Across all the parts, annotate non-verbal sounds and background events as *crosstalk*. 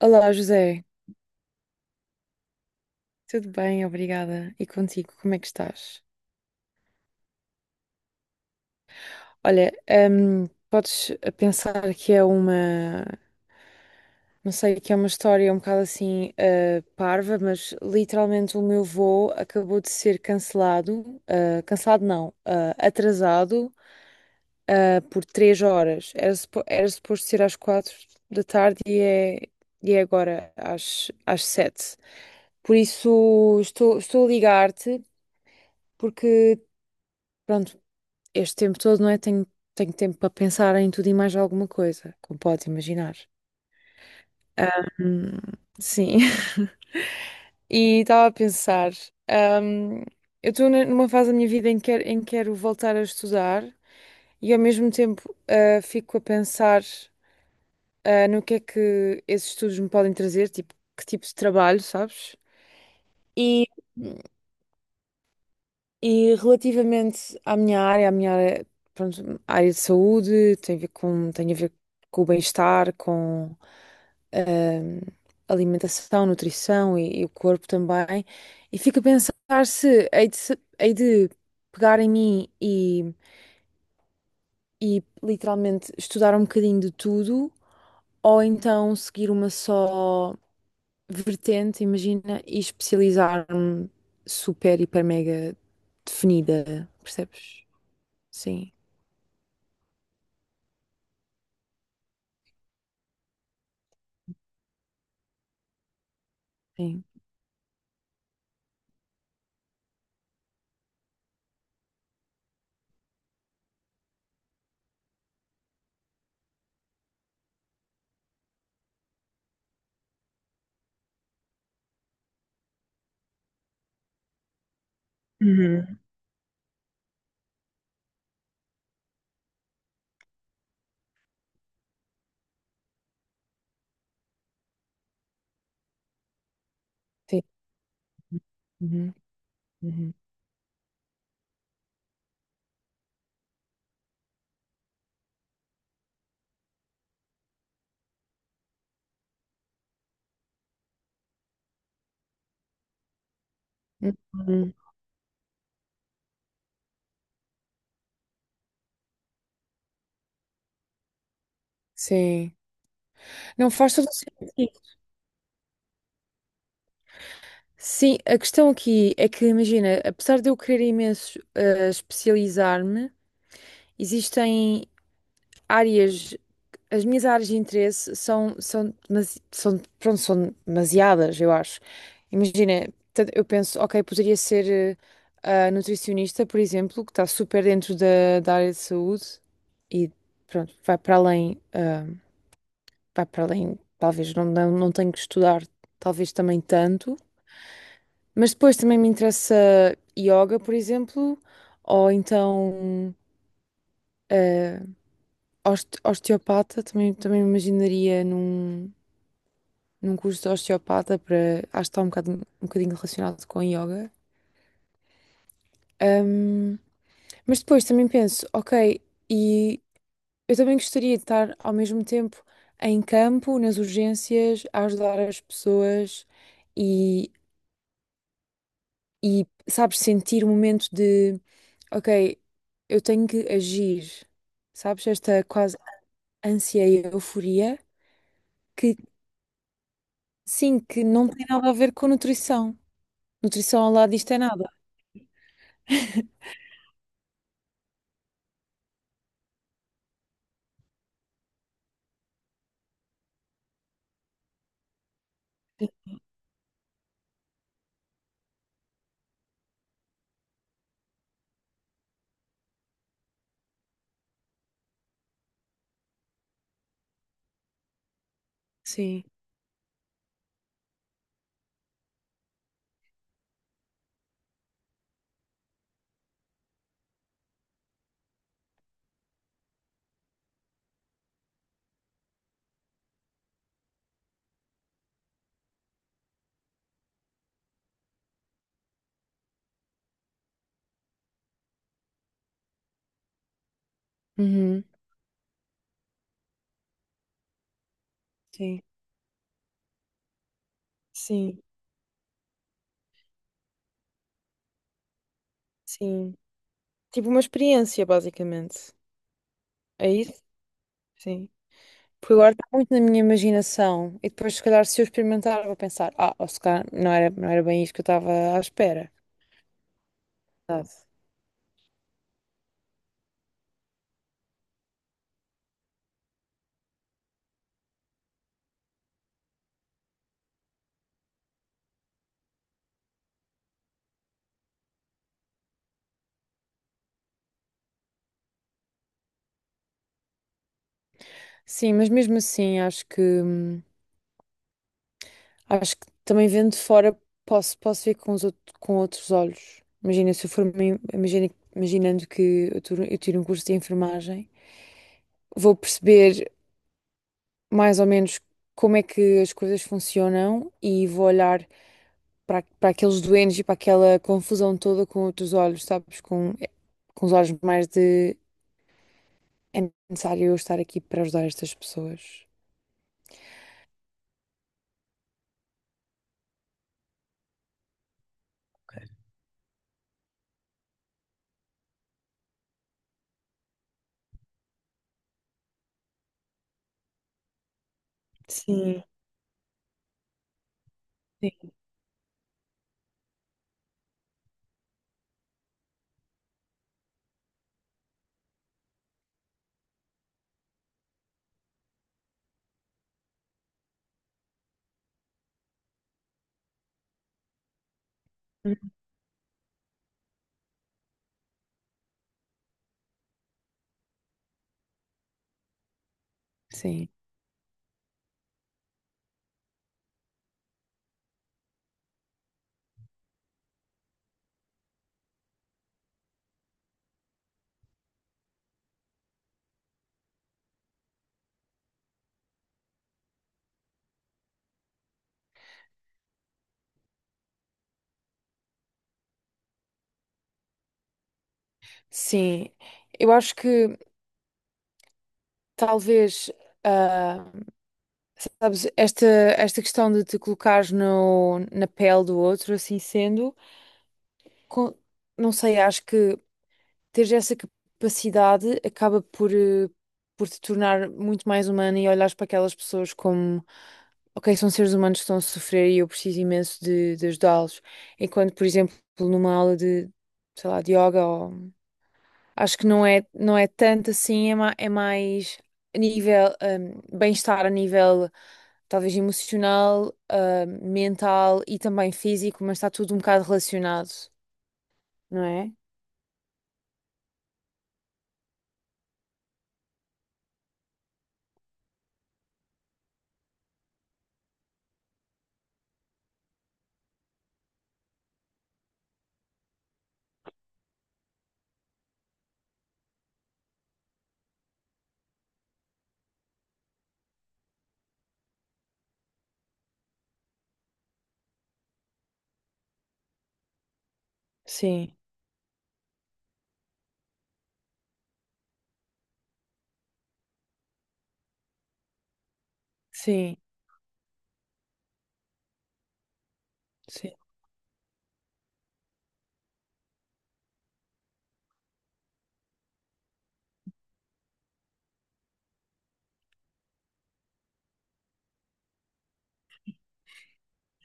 Olá, José. Tudo bem? Obrigada. E contigo, como é que estás? Olha, podes pensar que é uma, não sei, que é uma história um bocado assim, parva, mas literalmente o meu voo acabou de ser cancelado, cancelado não, atrasado, por 3 horas. Era, era suposto ser às 4 da tarde e é agora às, às 7. Por isso estou a ligar-te porque, pronto, este tempo todo, não é? Tenho, tenho tempo para pensar em tudo e mais alguma coisa, como podes imaginar. Ahm, sim. *laughs* E estava a pensar, ahm, eu estou numa fase da minha vida em que, em que quero voltar a estudar e ao mesmo tempo fico a pensar no que é que esses estudos me podem trazer, tipo, que tipo de trabalho, sabes? E, E relativamente à minha área, pronto, área de saúde, tem a ver com, tem a ver com o bem-estar, com ahm, alimentação, nutrição e o corpo também. E fico a pensar se hei de, hei de pegar em mim e literalmente estudar um bocadinho de tudo, ou então seguir uma só vertente, imagina, e especializar-me super, hiper, mega definida, percebes? Sim, sim. Sim. Uhum, uhum. Uhum. Sim. Não faz todo o sentido. Sim, a questão aqui é que, imagina, apesar de eu querer imenso especializar-me, existem áreas, as minhas áreas de interesse são, são, são, pronto, são demasiadas, eu acho. Imagina, eu penso, ok, poderia ser a nutricionista, por exemplo, que está super dentro da, da área de saúde e, pronto, vai para além. Pá, para além, talvez não, não, não tenho que estudar, talvez também tanto, mas depois também me interessa yoga, por exemplo, ou então eh, osteopata, também, também me imaginaria num, num curso de osteopata para, acho que está um bocado, um bocadinho relacionado com yoga. Ahm, mas depois também penso, ok, e eu também gostaria de estar ao mesmo tempo em campo, nas urgências, a ajudar as pessoas e e, sabes, sentir o momento de, ok, eu tenho que agir, sabes, esta quase ânsia e euforia que, sim, que não tem nada a ver com nutrição. Nutrição ao lado disto é nada. Sim, uhum, sim, sim, sim. Tipo uma experiência, basicamente. É isso? Sim. Porque agora está muito na minha imaginação e depois, se calhar, se eu experimentar, vou pensar, ah, ou se calhar não era, não era bem isto que eu estava à espera. Verdade. Sim, mas mesmo assim, acho que também vendo de fora posso, posso ver com os com outros olhos. Imagina, se eu for uma imagina, imaginando que eu tiro um curso de enfermagem, vou perceber mais ou menos como é que as coisas funcionam e vou olhar para, para aqueles doentes e para aquela confusão toda com outros olhos, sabes? Com os olhos mais de é necessário eu estar aqui para ajudar estas pessoas. Sim. Sim. Sim, eu acho que talvez. ah, Sabes, esta questão de te colocares no, na pele do outro, assim sendo, com- não sei, acho que teres essa capacidade acaba por, por te tornar muito mais humana e olhares para aquelas pessoas como, ok, são seres humanos que estão a sofrer e eu preciso imenso de ajudá-los. Enquanto, por exemplo, numa aula de, sei lá, de yoga. Acho que não é, não é tanto assim, é, é mais a nível, bem-estar a nível talvez emocional, mental e também físico, mas está tudo um bocado relacionado, não é? Sim, sim, sim.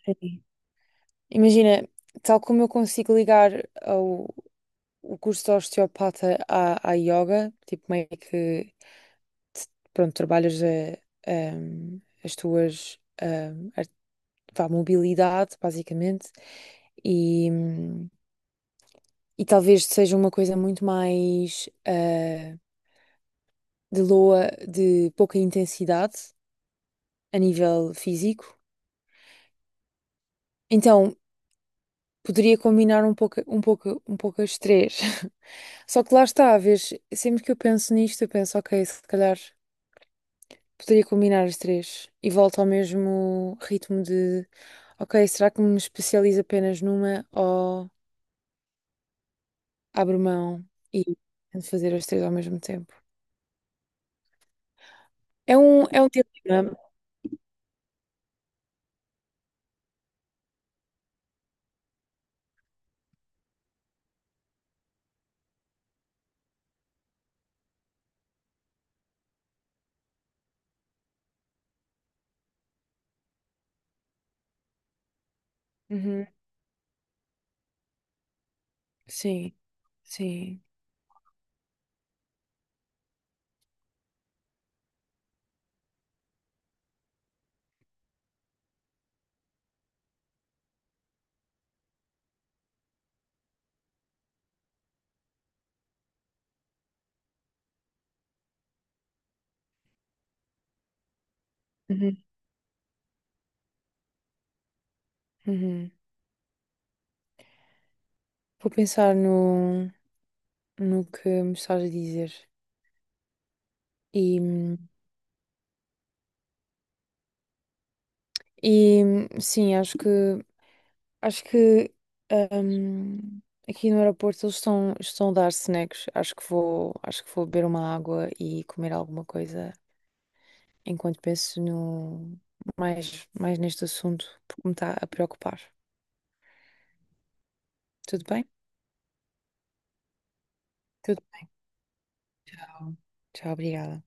Sim. Imagina, tal como eu consigo ligar ao, o curso de osteopata à, à yoga, tipo meio que, pronto, a, as tuas pá, mobilidade, basicamente, e, e talvez seja uma coisa muito mais de loa, de pouca intensidade a nível físico. Então, poderia combinar um pouco, um pouco, um pouco as três. *laughs* Só que lá está, vês, sempre que eu penso nisto, eu penso, ok, se calhar poderia combinar as três e volto ao mesmo ritmo de, ok, será que me especializo apenas numa ou abro mão e tento fazer as três ao mesmo tempo? É um dilema. Uhum. Sim, sim. Uhum, uhum. Vou pensar no, no que me estás a dizer. e hum, E sim, acho que ahm, aqui no aeroporto eles estão, estão a dar snacks. Acho que vou beber uma água e comer alguma coisa enquanto penso no mais, mais neste assunto, porque me está a preocupar. Tudo bem? Tudo bom. Tchau, obrigada.